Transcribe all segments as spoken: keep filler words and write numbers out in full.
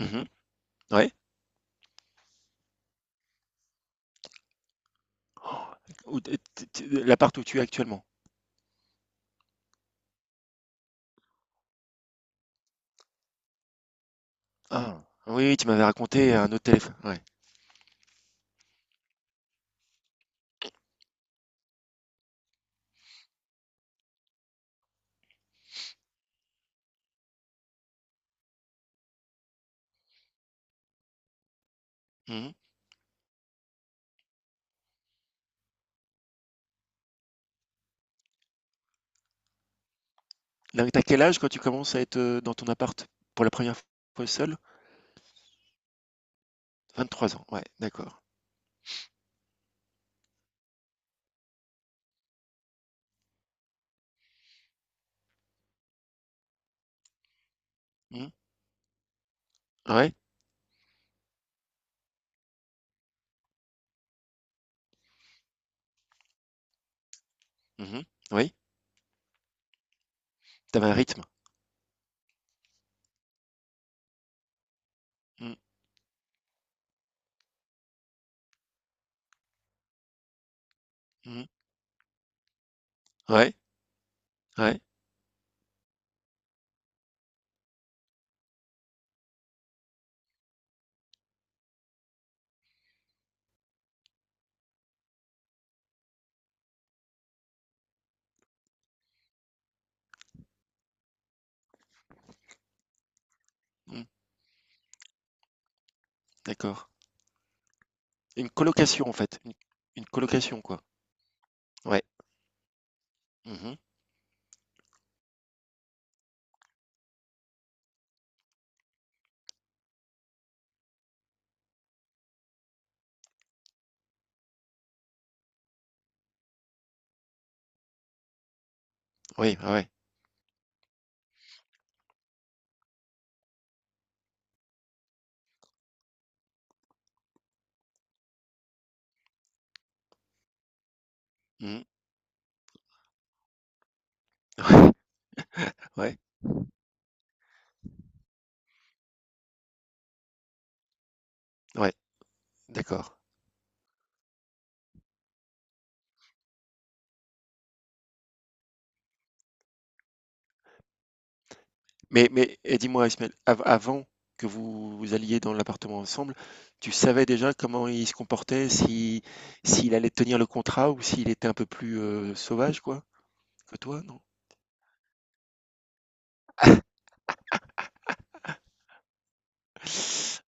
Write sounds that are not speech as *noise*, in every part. Mmh Ouais. Où t t t l'appart où tu es actuellement? Ah, oui, tu m'avais raconté un autre téléphone, ouais. Mmh Là, tu quel âge quand tu commences à être, heu, dans ton appart pour la première fois seul? Vingt-trois ans, ouais, d'accord. Mmh. Ouais. Mmh Oui, t'avais un rythme. Mmh. Mmh Ouais, ouais. Mmh. D'accord. Une colocation, en fait, une une colocation, quoi? Ouais. Mmh Oui, ouais, ouais. *laughs* Ouais, ouais, ouais, d'accord. Mais mais et dis-moi Ismaël, av avant que vous vous alliez dans l'appartement ensemble, tu savais déjà comment il se comportait, si s'il allait tenir le contrat ou s'il était un peu plus euh, sauvage quoi que toi, non?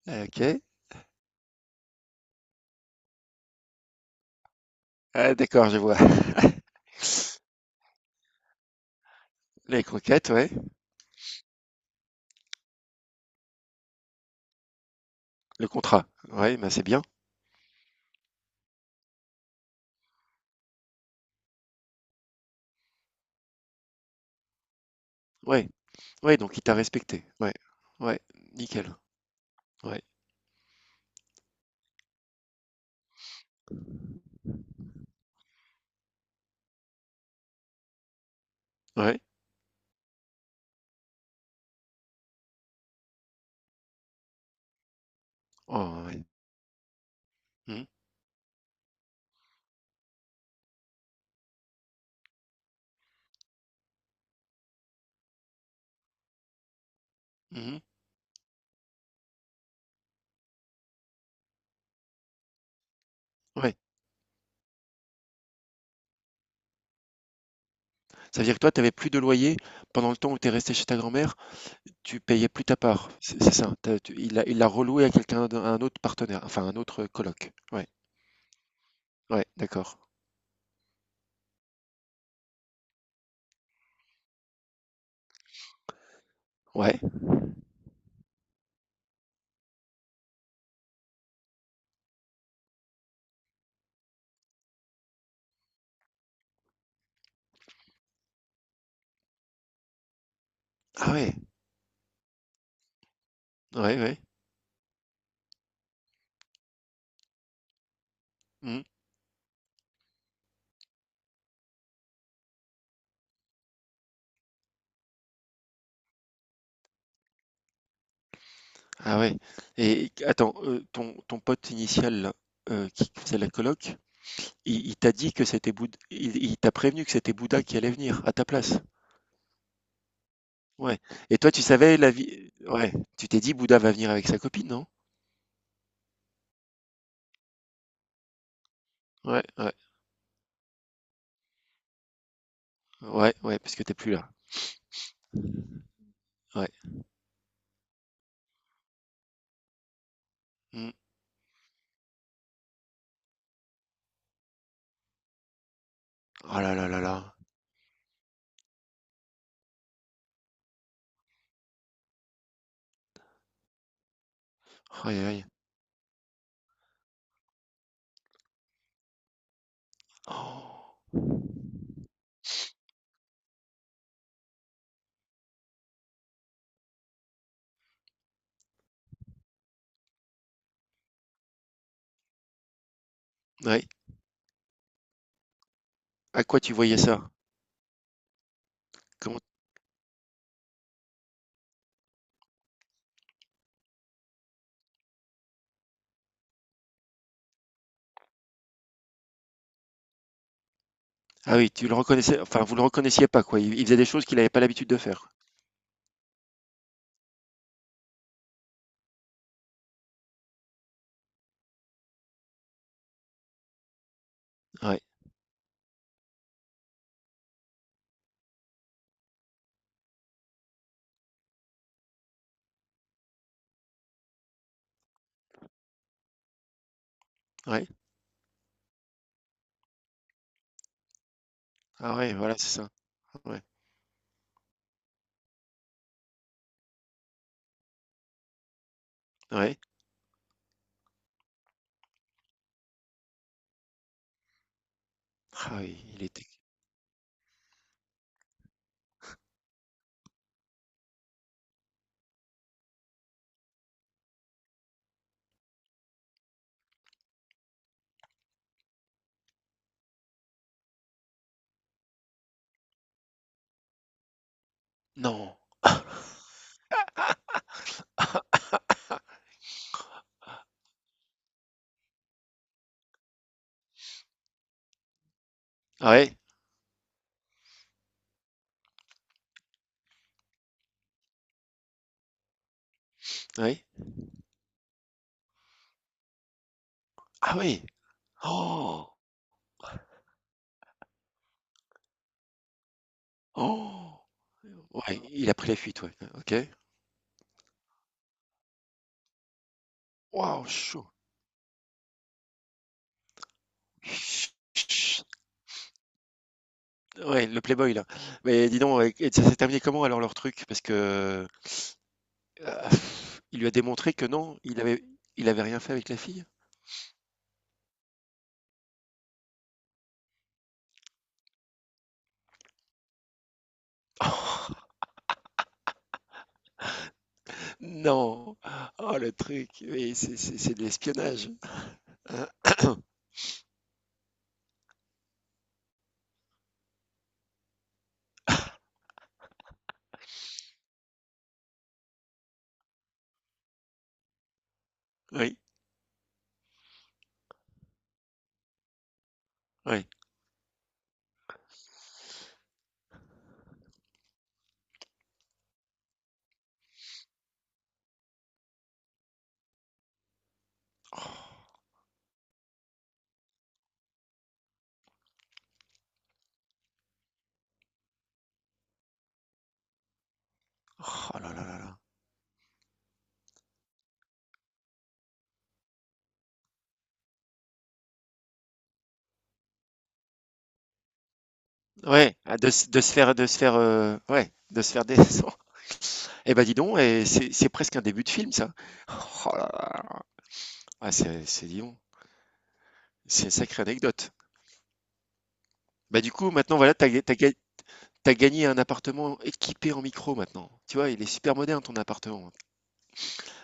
Ok. Ah, d'accord, je vois. *laughs* Les croquettes, ouais. Le contrat, ouais, bah c'est bien. Ouais, ouais, donc il t'a respecté. Ouais, ouais, nickel. Ouais, ouais. Oh, ouais. Mhm, mhm, ouais. Ça veut dire que toi, t'avais plus de loyer pendant le temps où t'es resté chez ta grand-mère? Tu payais plus ta part, c'est c'est ça. T'as- tu- il l'a il l'a reloué à quelqu'un, d'un- à un autre partenaire, enfin un autre coloc. Ouais, ouais, d'accord. Ouais. Ah ouais, ouais, ouais. Mhm. Ah ouais. Et attends, euh, ton, ton pote initial là, euh, qui faisait la coloc, il, il t'a dit que c'était Bouddha, il, il t'a prévenu que c'était Bouddha qui allait venir à ta place. Ouais. Et toi, tu savais la vie. Ouais. Tu t'es dit Bouddha va venir avec sa copine, non? Ouais, ouais, ouais, ouais, parce que t'es plus là. Ouais. Mhm. Oh là là là là. Aïe aïe. Oh. Ouais. À quoi tu voyais ça? Comment? Ah oui, tu le reconnaissais enfin, vous le reconnaissiez pas, quoi. Il il faisait des choses qu'il n'avait pas l'habitude de faire. Ouais, ouais. Ah ouais, voilà, c'est ça. Ouais, ouais. Ah oui, il était non! Ah ouais? Oui? Ah oui! Oh! Oh! Ouais, il a pris la fuite, ouais. OK. Waouh, chaud! Chut. Chut. Ouais, le playboy, là. Mais dis donc, et et ça s'est terminé comment alors leur truc? Parce que, heu, il lui a démontré que non, il avait il avait rien fait avec la fille? *laughs* Non! Oh le truc, oui, c'est c'est c'est de l'espionnage. Oui, oui. Oh là là là là. Ouais, ah de se de se faire de se faire, heu, ouais, de se faire descendre. *laughs* Eh ben, dis donc, et c'est c'est presque un début de film, ça. Oh là là là. Ah, c'est c'est dis donc, c'est une sacrée anecdote. Bah, du coup, maintenant, voilà, t'as ga tu ga tu gagné un appartement équipé en micro maintenant. Tu vois, il est super moderne ton appartement.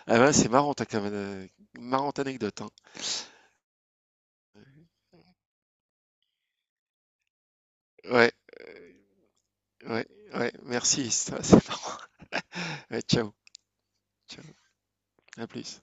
Ah ben c'est marrant, tu quand même, heu, marrante anecdote, hein. Ouais, ouais, ouais, merci, ça c'est marrant. *laughs* Ouais, ciao, ciao. À plus.